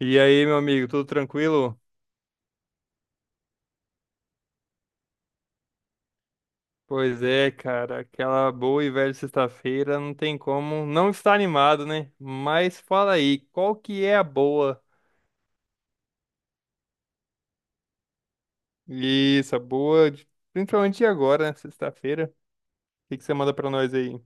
E aí, meu amigo, tudo tranquilo? Pois é, cara, aquela boa e velha sexta-feira não tem como não estar animado, né? Mas fala aí, qual que é a boa? Isso, a boa, principalmente de agora, né? Sexta-feira. O que que você manda pra nós aí?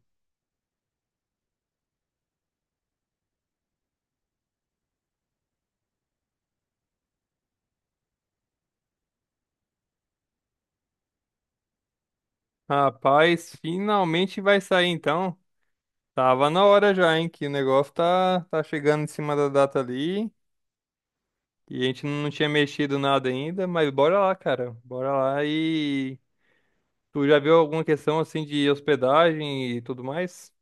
Rapaz, finalmente vai sair então. Tava na hora já, hein? Que o negócio tá chegando em cima da data ali. E a gente não tinha mexido nada ainda, mas bora lá, cara. Bora lá e. Tu já viu alguma questão assim de hospedagem e tudo mais?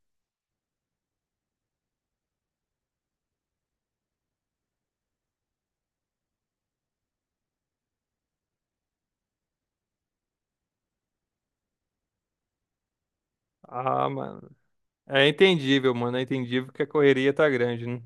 Ah, mano. É entendível, mano. É entendível que a correria tá grande, né?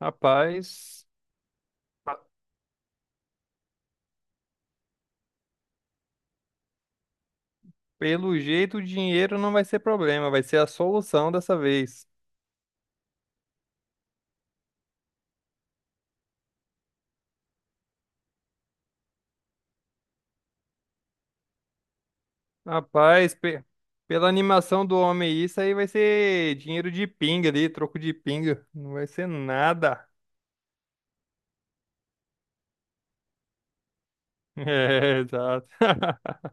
Rapaz, pelo jeito o dinheiro não vai ser problema, vai ser a solução dessa vez. Rapaz, pela animação do homem, isso aí vai ser dinheiro de pinga ali, troco de pinga. Não vai ser nada. É, exato.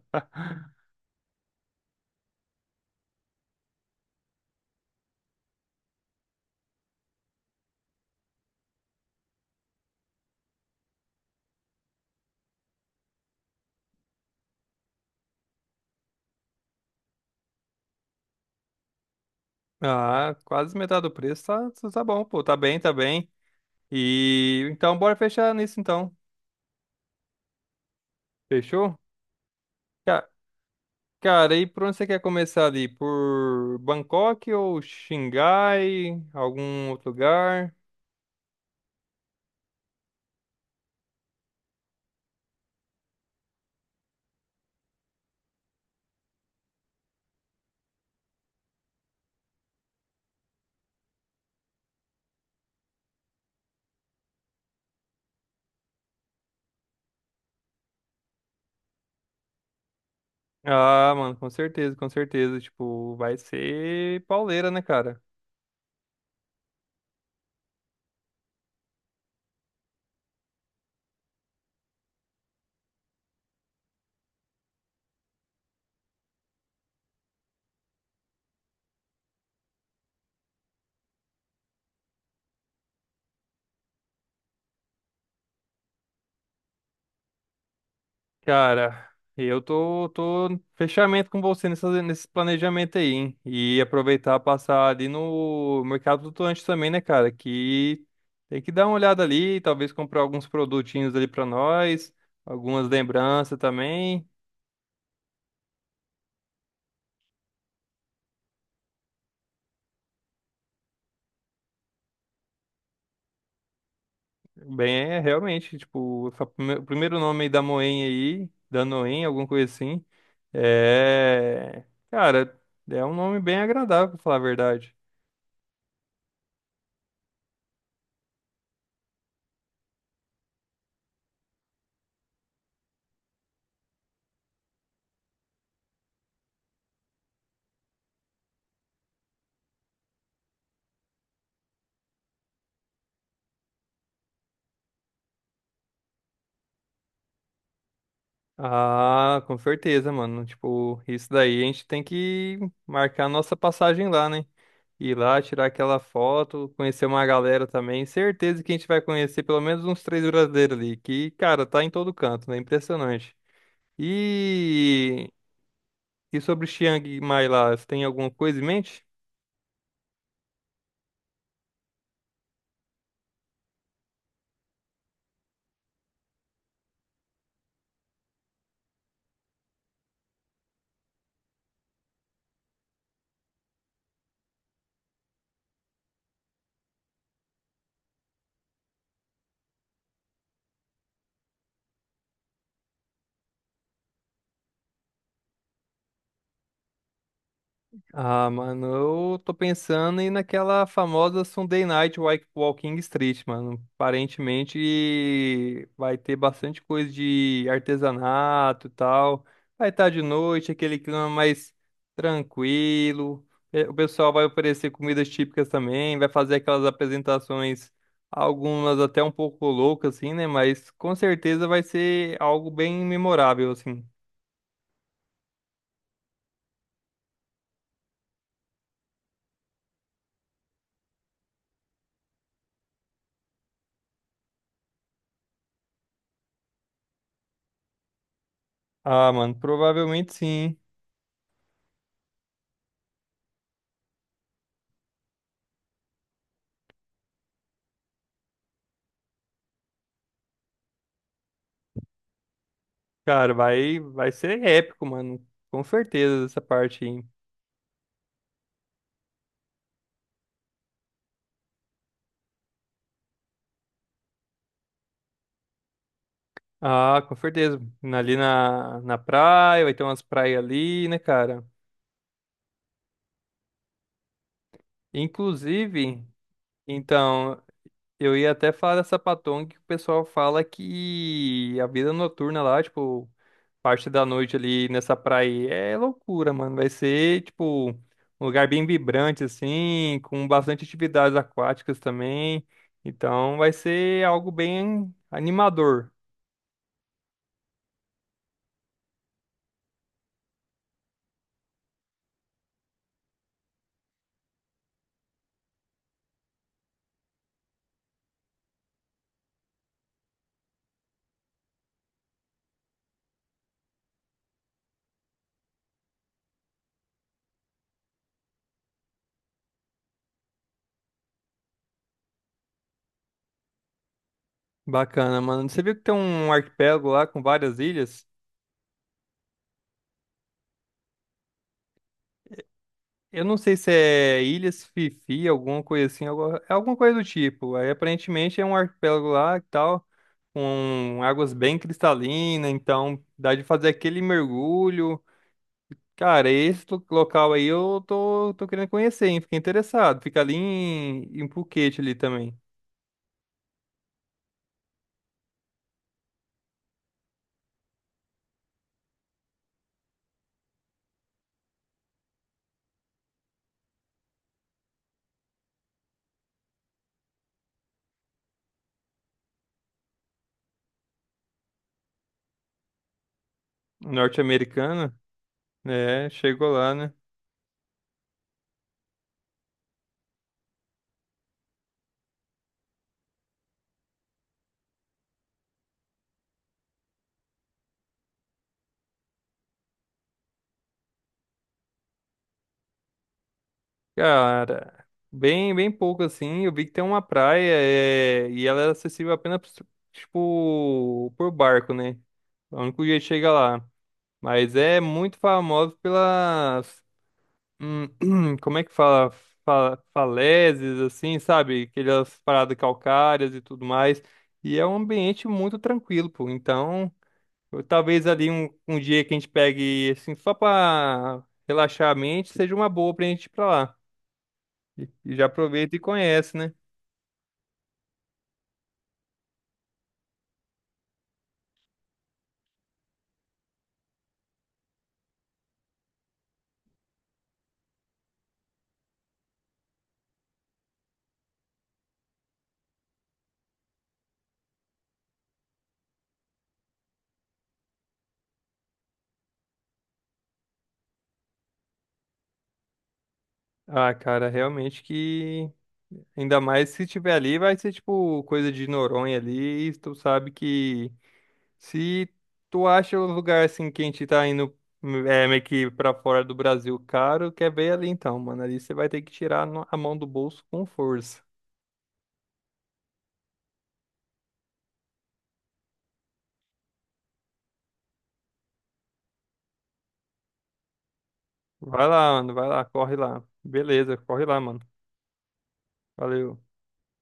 Ah, quase metade do preço tá bom, pô. Tá bem, tá bem. E então bora fechar nisso então. Fechou? Ca- Cara, e por onde você quer começar ali? Por Bangkok ou Xangai? Algum outro lugar? Ah, mano, com certeza, com certeza. Tipo, vai ser pauleira, né, cara? Cara, eu tô no fechamento com você nesse planejamento aí, hein? E aproveitar passar ali no Mercado Flutuante também, né, cara? Que tem que dar uma olhada ali, talvez comprar alguns produtinhos ali pra nós, algumas lembranças também. Bem, é realmente, tipo, o primeiro nome aí da Moen aí, da Noen, alguma coisa assim, é... Cara, é um nome bem agradável, pra falar a verdade. Ah, com certeza, mano. Tipo, isso daí a gente tem que marcar a nossa passagem lá, né? Ir lá, tirar aquela foto, conhecer uma galera também. Certeza que a gente vai conhecer pelo menos uns três brasileiros ali, que, cara, tá em todo canto, né? Impressionante. E, e sobre o Chiang Mai lá, você tem alguma coisa em mente? Ah, mano, eu tô pensando em naquela famosa Walking Street, mano. Aparentemente vai ter bastante coisa de artesanato e tal. Vai estar de noite, aquele clima mais tranquilo. O pessoal vai oferecer comidas típicas também, vai fazer aquelas apresentações, algumas até um pouco loucas, assim, né? Mas com certeza vai ser algo bem memorável, assim. Ah, mano, provavelmente sim. Cara, vai ser épico, mano. Com certeza, essa parte aí. Ah, com certeza. Ali na praia, vai ter umas praias ali, né, cara? Inclusive, então, eu ia até falar dessa Patong que o pessoal fala que a vida noturna lá, tipo, parte da noite ali nessa praia é loucura, mano. Vai ser, tipo, um lugar bem vibrante, assim, com bastante atividades aquáticas também. Então, vai ser algo bem animador. Bacana, mano. Você viu que tem um arquipélago lá com várias ilhas? Eu não sei se é Ilhas Fifi, alguma coisa assim, é alguma coisa do tipo. Aí aparentemente é um arquipélago lá e tal, com águas bem cristalinas, então dá de fazer aquele mergulho. Cara, local aí eu tô querendo conhecer, hein? Fiquei interessado. Fica ali em Phuket ali também, norte-americana, né? Chegou lá, né? Cara, bem pouco assim. Eu vi que tem uma praia é, e ela é acessível apenas, tipo, por barco, né? É o único jeito que chega lá. Mas é muito famoso pelas. hum, como é que fala? Falésias, assim, sabe? Aquelas paradas calcárias e tudo mais. E é um ambiente muito tranquilo, pô. Então, talvez ali um dia que a gente pegue, assim, só pra relaxar a mente, seja uma boa pra gente ir pra lá. E já aproveita e conhece, né? Ah, cara, realmente que. Ainda mais se tiver ali, vai ser tipo coisa de Noronha ali. E tu sabe que se tu acha um lugar assim que a gente tá indo meio que pra fora do Brasil caro, quer ver ali então, mano. Ali você vai ter que tirar a mão do bolso com força. Vai lá, mano, vai lá, corre lá. Beleza, corre lá, mano. Valeu.